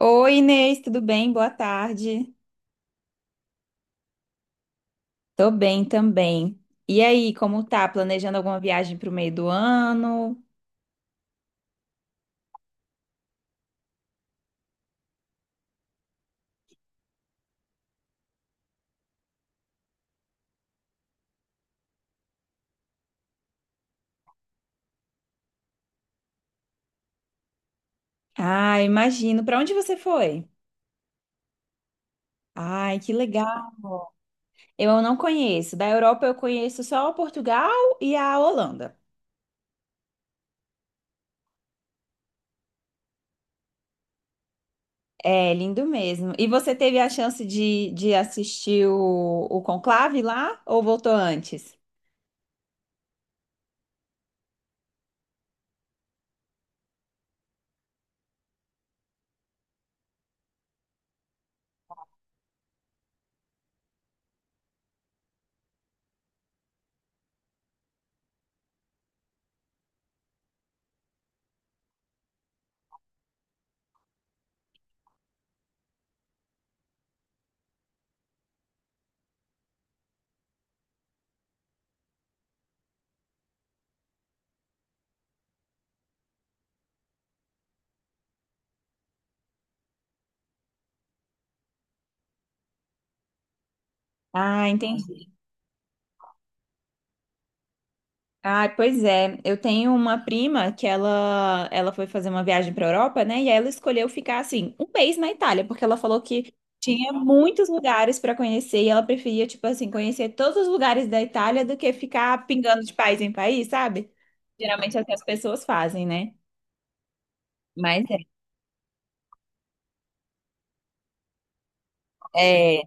Oi, Inês, tudo bem? Boa tarde. Tô bem também. E aí, como tá? Planejando alguma viagem pro meio do ano? Ah, imagino. Pra onde você foi? Ai, que legal. Eu não conheço. Da Europa eu conheço só Portugal e a Holanda. É, lindo mesmo. E você teve a chance de assistir o Conclave lá ou voltou antes? Ah, entendi. Ah, pois é. Eu tenho uma prima que ela foi fazer uma viagem para Europa, né? E ela escolheu ficar assim um mês na Itália, porque ela falou que tinha muitos lugares para conhecer e ela preferia tipo assim conhecer todos os lugares da Itália do que ficar pingando de país em país, sabe? Geralmente é o que as pessoas fazem, né? Mas é. É.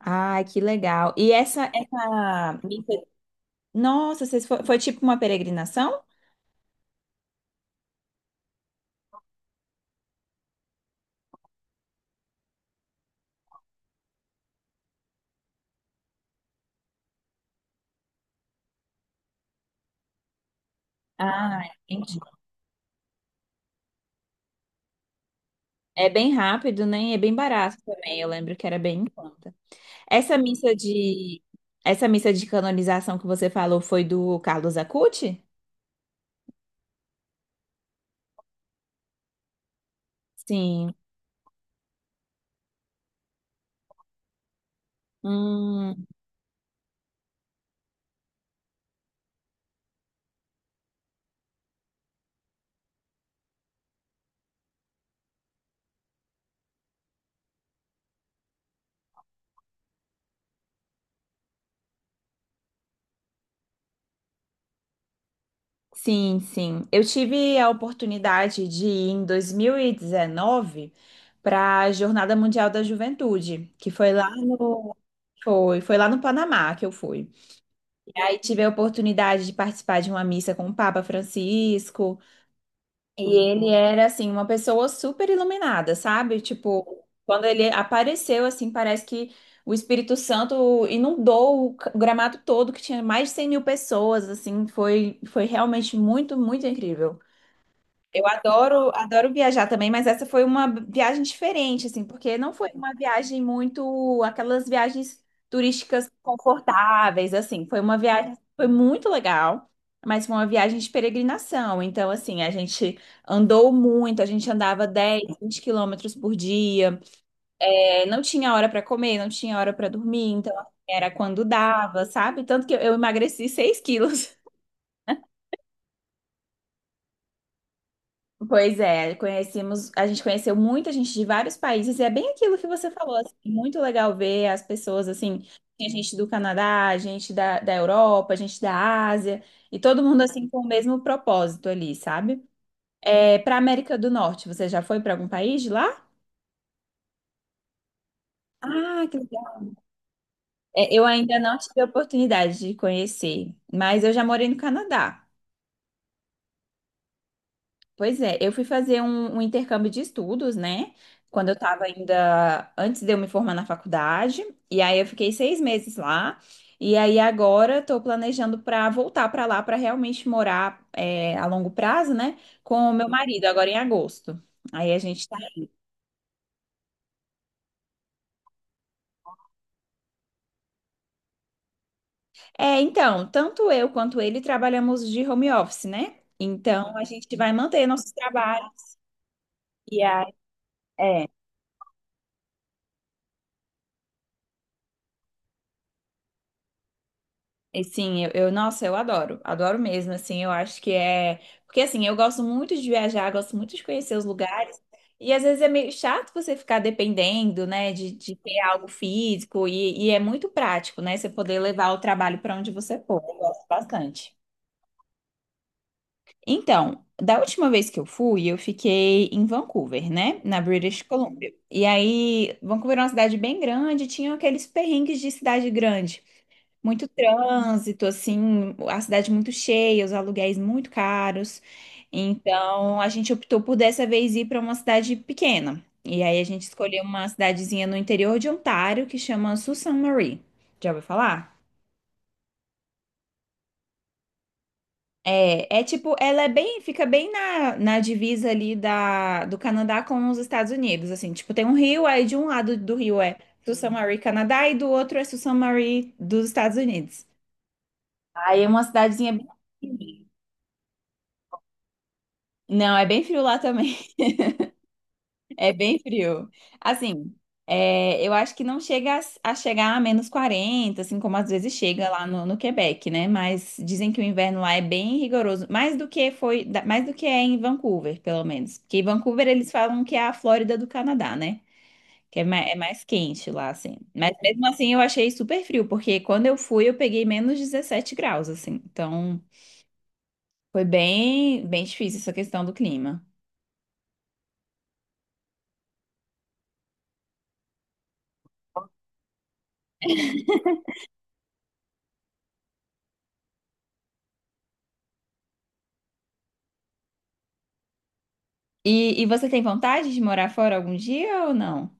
Ai, que legal. E essa... Nossa, vocês foi, foi tipo uma peregrinação? Ah, entendi. É bem rápido, né? E é bem barato também. Eu lembro que era bem em conta. Essa missa de Essa missa de canonização que você falou foi do Carlos Acucci? Sim. Hum, sim, sim. Eu tive a oportunidade de ir em 2019 para a Jornada Mundial da Juventude, que foi lá no foi, foi lá no Panamá que eu fui. E aí tive a oportunidade de participar de uma missa com o Papa Francisco. E ele era, assim, uma pessoa super iluminada, sabe? Tipo, quando ele apareceu, assim, parece que o Espírito Santo inundou o c- o gramado todo, que tinha mais de 100 mil pessoas, assim, foi, foi realmente muito, muito incrível. Eu adoro, adoro viajar também, mas essa foi uma viagem diferente, assim, porque não foi uma viagem muito, aquelas viagens turísticas confortáveis, assim, foi uma viagem, foi muito legal, mas foi uma viagem de peregrinação, então, assim, a gente andou muito, a gente andava 10, 20 quilômetros por dia. É, não tinha hora para comer, não tinha hora para dormir, então, assim, era quando dava, sabe? Tanto que eu emagreci 6 quilos. Pois é, conhecemos, a gente conheceu muita gente de vários países, e é bem aquilo que você falou, assim, muito legal ver as pessoas assim, tem gente do Canadá, gente da Europa, gente da Ásia, e todo mundo assim com o mesmo propósito ali, sabe? É, para América do Norte, você já foi para algum país de lá? Ah, que legal. É, eu ainda não tive a oportunidade de conhecer, mas eu já morei no Canadá. Pois é, eu fui fazer um intercâmbio de estudos, né? Quando eu estava ainda, antes de eu me formar na faculdade, e aí eu fiquei 6 meses lá, e aí agora estou planejando para voltar para lá para realmente morar é, a longo prazo, né? Com o meu marido, agora em agosto. Aí a gente tá. É, então, tanto eu quanto ele trabalhamos de home office, né? Então a gente vai manter nossos trabalhos. E aí, é, e sim, nossa, eu adoro, adoro mesmo, assim, eu acho que é, porque assim, eu gosto muito de viajar, gosto muito de conhecer os lugares, e às vezes é meio chato você ficar dependendo, né, de ter algo físico, e é muito prático, né, você poder levar o trabalho para onde você for, eu gosto bastante. Então, da última vez que eu fui, eu fiquei em Vancouver, né, na British Columbia, e aí, Vancouver é uma cidade bem grande, tinha aqueles perrengues de cidade grande, muito trânsito, assim, a cidade muito cheia, os aluguéis muito caros. Então, a gente optou por dessa vez ir para uma cidade pequena. E aí a gente escolheu uma cidadezinha no interior de Ontário que chama Sault Ste. Marie. Já ouviu falar? É, é tipo, ela é bem, fica bem na divisa ali da, do Canadá com os Estados Unidos, assim, tipo, tem um rio, aí de um lado do rio é Sault Ste. Marie, Canadá, e do outro é Sault Ste. Marie dos Estados Unidos. Aí é uma cidadezinha bem pequenininha. Não, é bem frio lá também. É bem frio. Assim, é, eu acho que não chega a chegar a -40, assim como às vezes chega lá no Quebec, né? Mas dizem que o inverno lá é bem rigoroso, mais do que foi, da- mais do que é em Vancouver, pelo menos. Porque em Vancouver eles falam que é a Flórida do Canadá, né? Que é mais quente lá, assim. Mas mesmo assim eu achei super frio, porque quando eu fui eu peguei -17 graus, assim. Então foi bem, bem difícil essa questão do clima. E você tem vontade de morar fora algum dia ou não?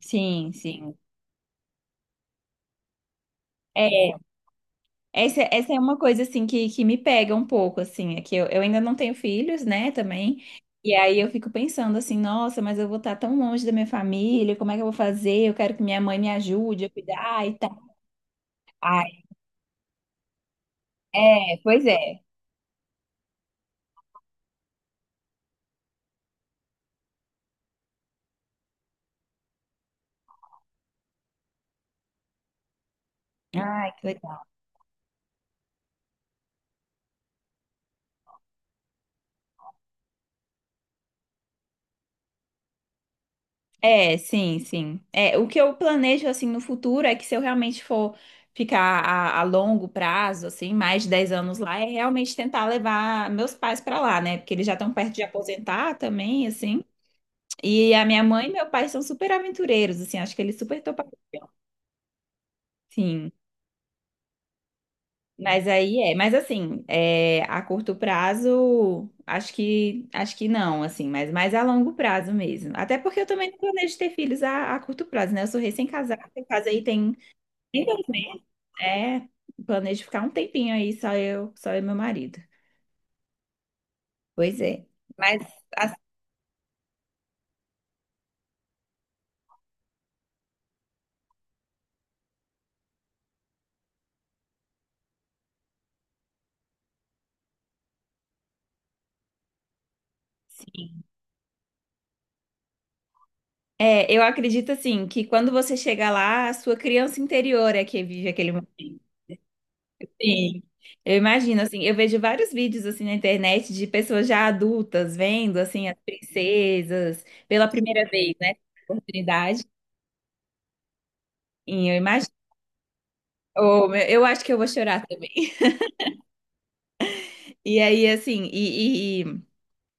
Sim, sim. É, essa é uma coisa assim que me pega um pouco, assim, é que eu ainda não tenho filhos, né, também. E aí eu fico pensando assim, nossa, mas eu vou estar tão longe da minha família, como é que eu vou fazer? Eu quero que minha mãe me ajude a cuidar e tal. Ai, é, pois é. Ai, que É, sim, sim. É, o que eu planejo assim no futuro é que se eu realmente for ficar a longo prazo, assim, mais de 10 anos lá, é realmente tentar levar meus pais pra lá, né? Porque eles já estão perto de aposentar também, assim. E a minha mãe e meu pai são super aventureiros, assim, acho que eles super topariam. Sim. Mas aí é, mas assim, é, a curto prazo, acho que não, assim, mas mais a longo prazo mesmo. Até porque eu também não planejo ter filhos a curto prazo, né? Eu sou recém-casada, eu casei tem infelizmente, é. Planejo ficar um tempinho aí, só eu e meu marido. Pois é. Mas, assim, é, eu acredito, assim, que quando você chega lá, a sua criança interior é que vive aquele momento. Sim. Eu imagino, assim, eu vejo vários vídeos, assim, na internet de pessoas já adultas vendo, assim, as princesas pela primeira vez, né? Oportunidade. E eu imagino. Oh, meu- eu acho que eu vou chorar também. E aí, assim, e,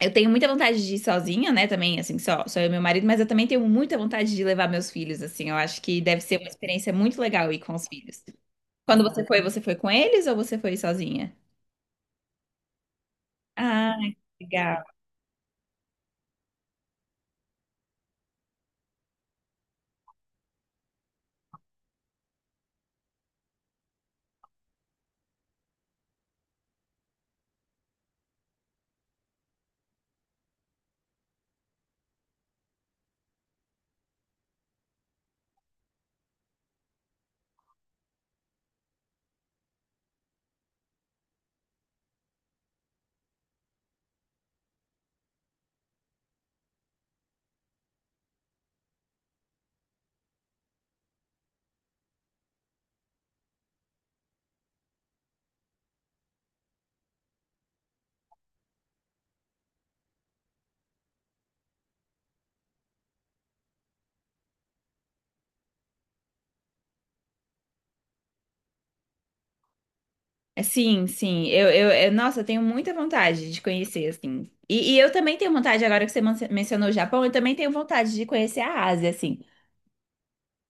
eu tenho muita vontade de ir sozinha, né? Também, assim, só, só eu e meu marido, mas eu também tenho muita vontade de levar meus filhos, assim. Eu acho que deve ser uma experiência muito legal ir com os filhos. Quando você foi com eles ou você foi sozinha? Ah, que legal. É, sim, sim. Nossa, eu tenho muita vontade de conhecer, assim. E eu também tenho vontade, agora que você man- mencionou o Japão, eu também tenho vontade de conhecer a Ásia, assim.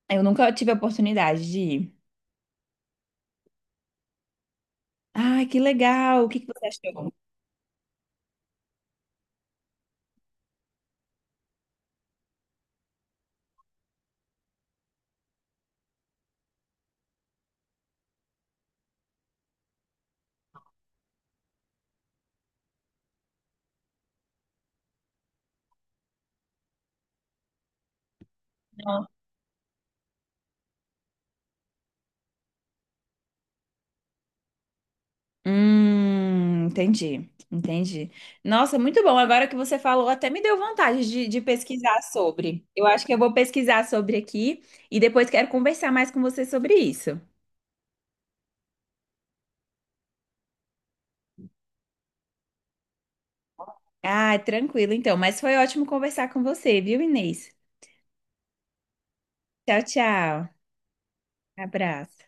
Eu nunca tive a oportunidade de ir. Ah, que legal! O que que você achou? Entendi, entendi. Nossa, muito bom. Agora que você falou, até me deu vontade de pesquisar sobre. Eu acho que eu vou pesquisar sobre aqui e depois quero conversar mais com você sobre isso. Ah, tranquilo então. Mas foi ótimo conversar com você, viu, Inês? Tchau, tchau. Abraço.